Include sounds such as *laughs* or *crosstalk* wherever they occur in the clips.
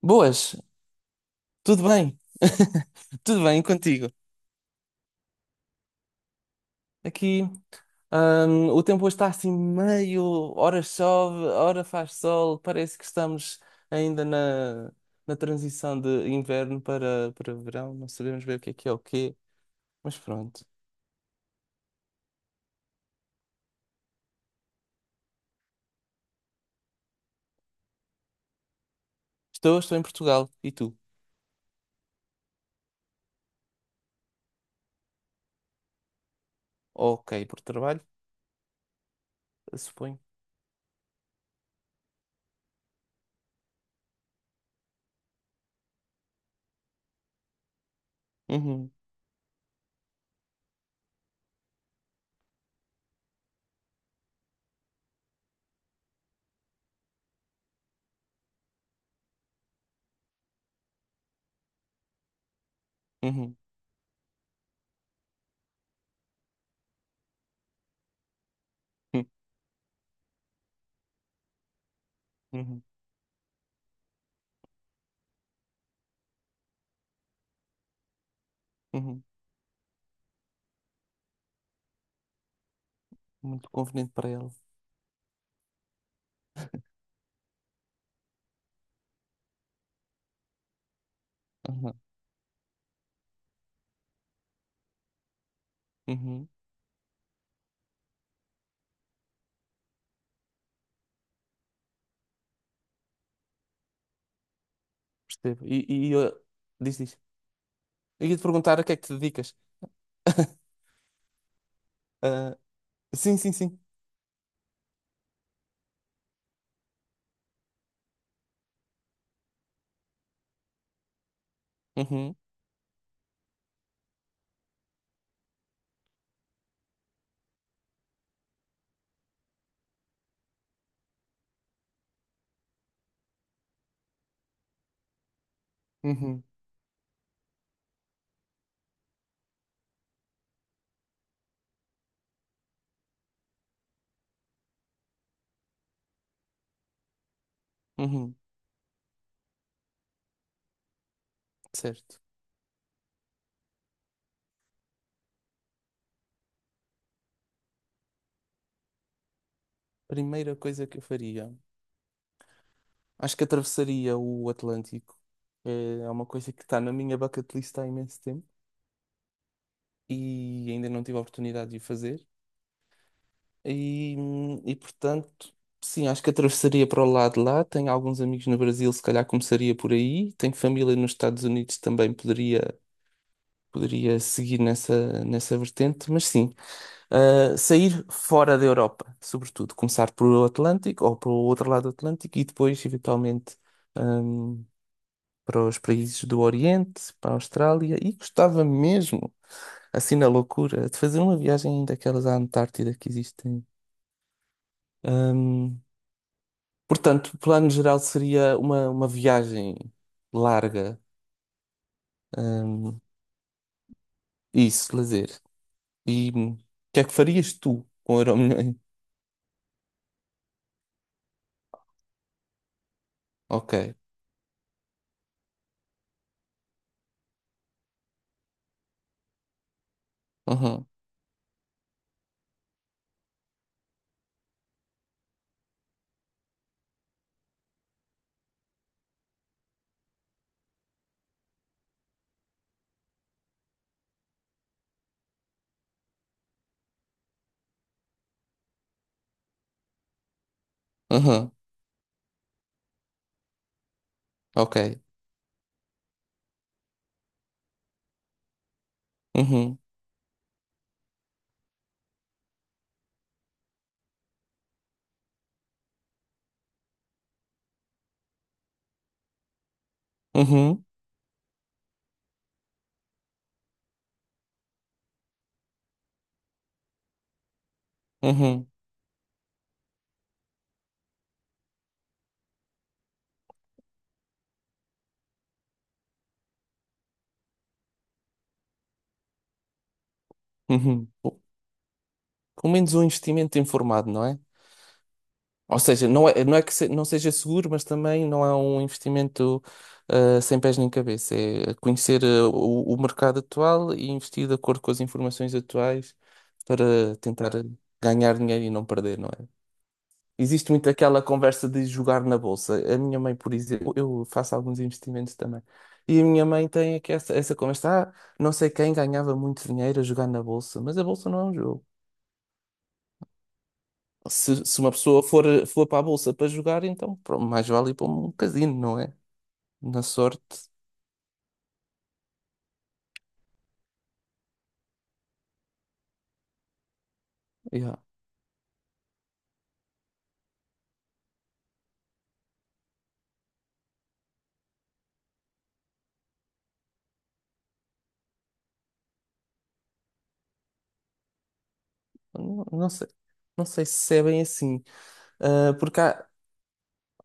Boas, tudo bem? *laughs* Tudo bem contigo? Aqui, o tempo hoje está assim meio, ora chove, ora faz sol, parece que estamos ainda na transição de inverno para verão, não sabemos bem o que é o quê, mas pronto. Estou, estou em Portugal, e tu? Ok, por trabalho, suponho. Uhum, uhum, uhum, uhum, uhum. Muito conveniente para ela. Uhum, uhum, percebo. E eu, diz, diz. Eu ia te perguntar a que é que te dedicas? Ah, sim, sim, sim. Uhum, uhum, uhum, certo. Primeira coisa que eu faria. Acho que atravessaria o Atlântico. É uma coisa que está na minha bucket list há imenso tempo e ainda não tive a oportunidade de o fazer. E portanto, sim, acho que atravessaria para o lado de lá. Tenho alguns amigos no Brasil, se calhar começaria por aí. Tenho família nos Estados Unidos também, poderia seguir nessa vertente. Mas sim, sair fora da Europa, sobretudo, começar pelo Atlântico ou pelo outro lado do Atlântico e depois, eventualmente, um, para os países do Oriente, para a Austrália. E gostava mesmo, assim na loucura, de fazer uma viagem daquelas à Antártida que existem. Um, Portanto, o plano geral seria uma viagem larga, um, isso, lazer. E o que é que farias tu com o Euromilhões? Ok, aham, aham, ok. Uhum. Uhum, uhum, uhum. Pô, pelo menos um investimento informado, não é? Ou seja, não é que não seja seguro, mas também não é um investimento sem pés nem cabeça. É conhecer, o mercado atual e investir de acordo com as informações atuais para tentar ganhar dinheiro e não perder, não é? Existe muito aquela conversa de jogar na bolsa. A minha mãe, por exemplo, eu faço alguns investimentos também. E a minha mãe tem aqui essa conversa, não sei quem ganhava muito dinheiro a jogar na bolsa, mas a bolsa não é um jogo. Se uma pessoa for para a bolsa para jogar, então pronto, mais vale ir para um casino, não é? Na sorte, yeah. Não, não sei. Não sei se é bem assim. Ah, porque há,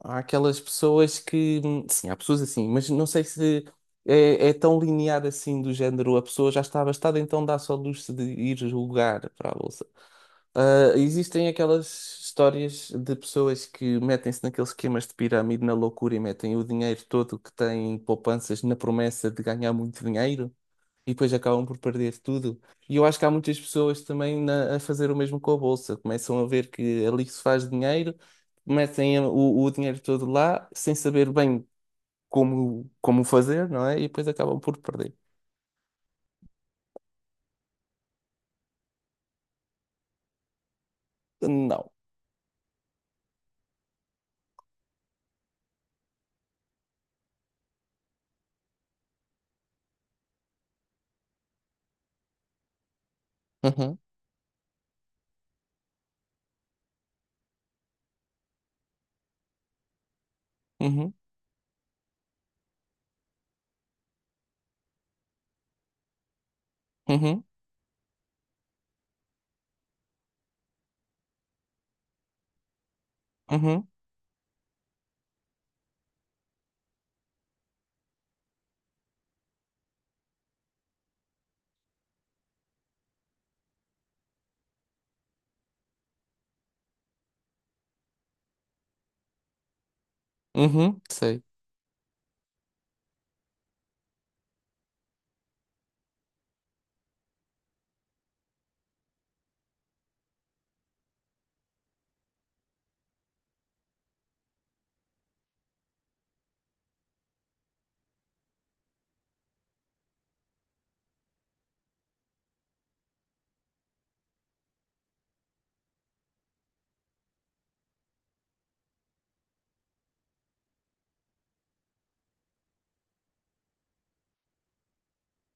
há aquelas pessoas que. Sim, há pessoas assim, mas não sei se é tão linear assim do género. A pessoa já está abastada, então dá só luxo de ir jogar para a bolsa. Ah, existem aquelas histórias de pessoas que metem-se naqueles esquemas de pirâmide na loucura e metem o dinheiro todo que têm em poupanças na promessa de ganhar muito dinheiro e depois acabam por perder tudo. E eu acho que há muitas pessoas também na- a fazer o mesmo com a bolsa. Começam a ver que ali se faz dinheiro, metem o dinheiro todo lá sem saber bem como fazer, não é? E depois acabam por perder. Não. Uhum, uhum, uhum, uhum, uhum, sei.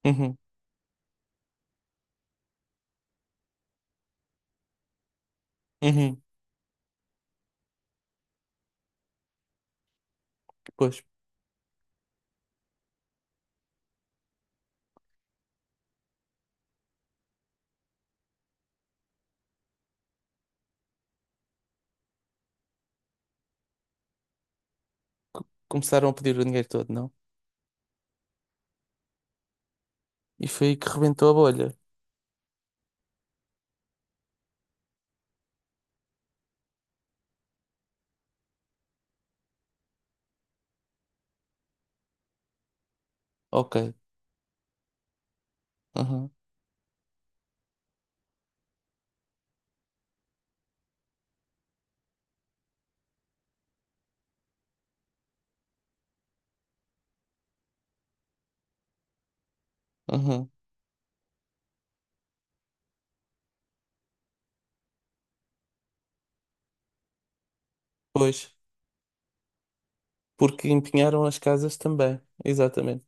Uhum, uhum. Pois. Começaram a pedir o dinheiro todo, não? E foi aí que rebentou a bolha. Ok. Aham, aham. Pois, porque empenharam as casas também. Exatamente.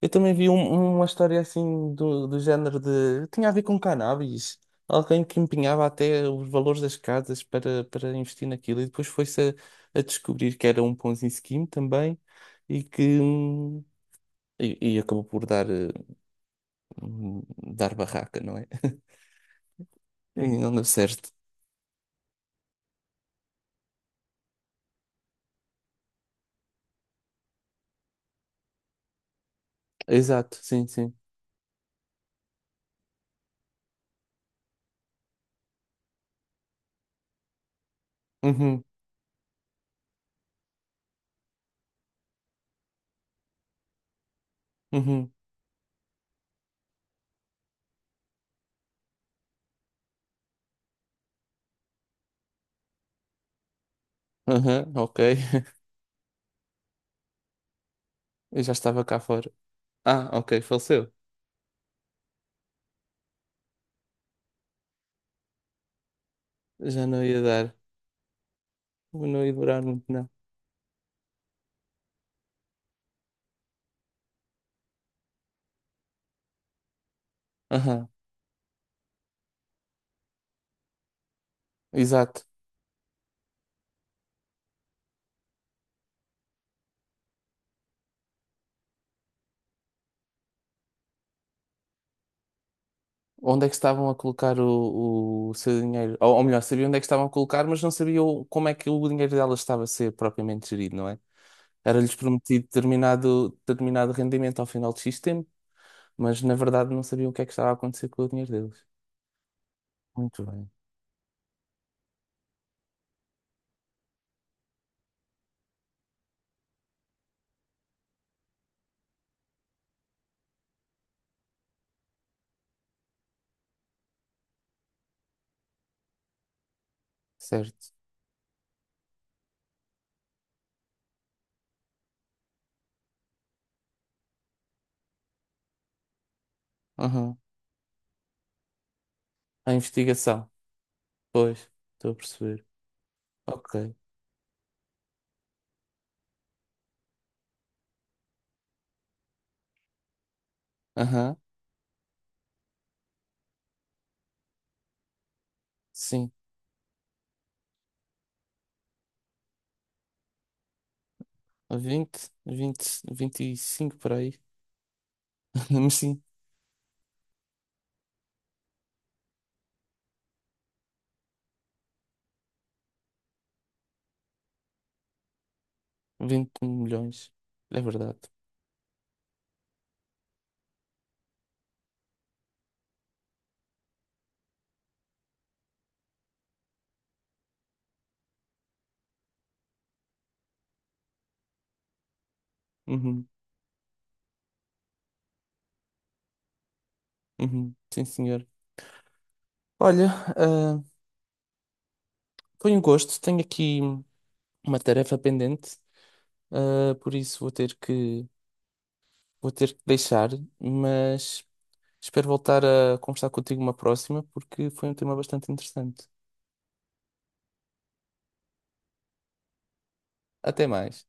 Eu também vi uma história assim do género de. Tinha a ver com cannabis. Alguém que empenhava até os valores das casas para investir naquilo. E depois foi-se a descobrir que era um Ponzi scheme também e que. E acabou por hum, dar barraca, não é? *laughs* E não deu certo. Exato, sim, sim. Uhum. Uhum. Aham, ok. *laughs* Eu já estava cá fora. Ah, ok, faleceu. Já não ia dar. Não ia durar muito, não. Aham, exato. Onde é que estavam a colocar o seu dinheiro? Ou melhor, sabia onde é que estavam a colocar, mas não sabia como é que o dinheiro dela estava a ser propriamente gerido, não é? Era-lhes prometido determinado rendimento ao final de X tempo, mas na verdade não sabiam o que é que estava a acontecer com o dinheiro deles. Muito bem, certo. Aham. A investigação. Pois, estou a perceber. Ok. Aham. Sim, a 20, 20, 25 por aí. *laughs* Mas sim, 20 milhões. É verdade. Uhum, uhum, sim, senhor. Olha, ah, foi um gosto. Tenho aqui uma tarefa pendente, por isso vou ter que deixar, mas espero voltar a conversar contigo uma próxima, porque foi um tema bastante interessante. Até mais.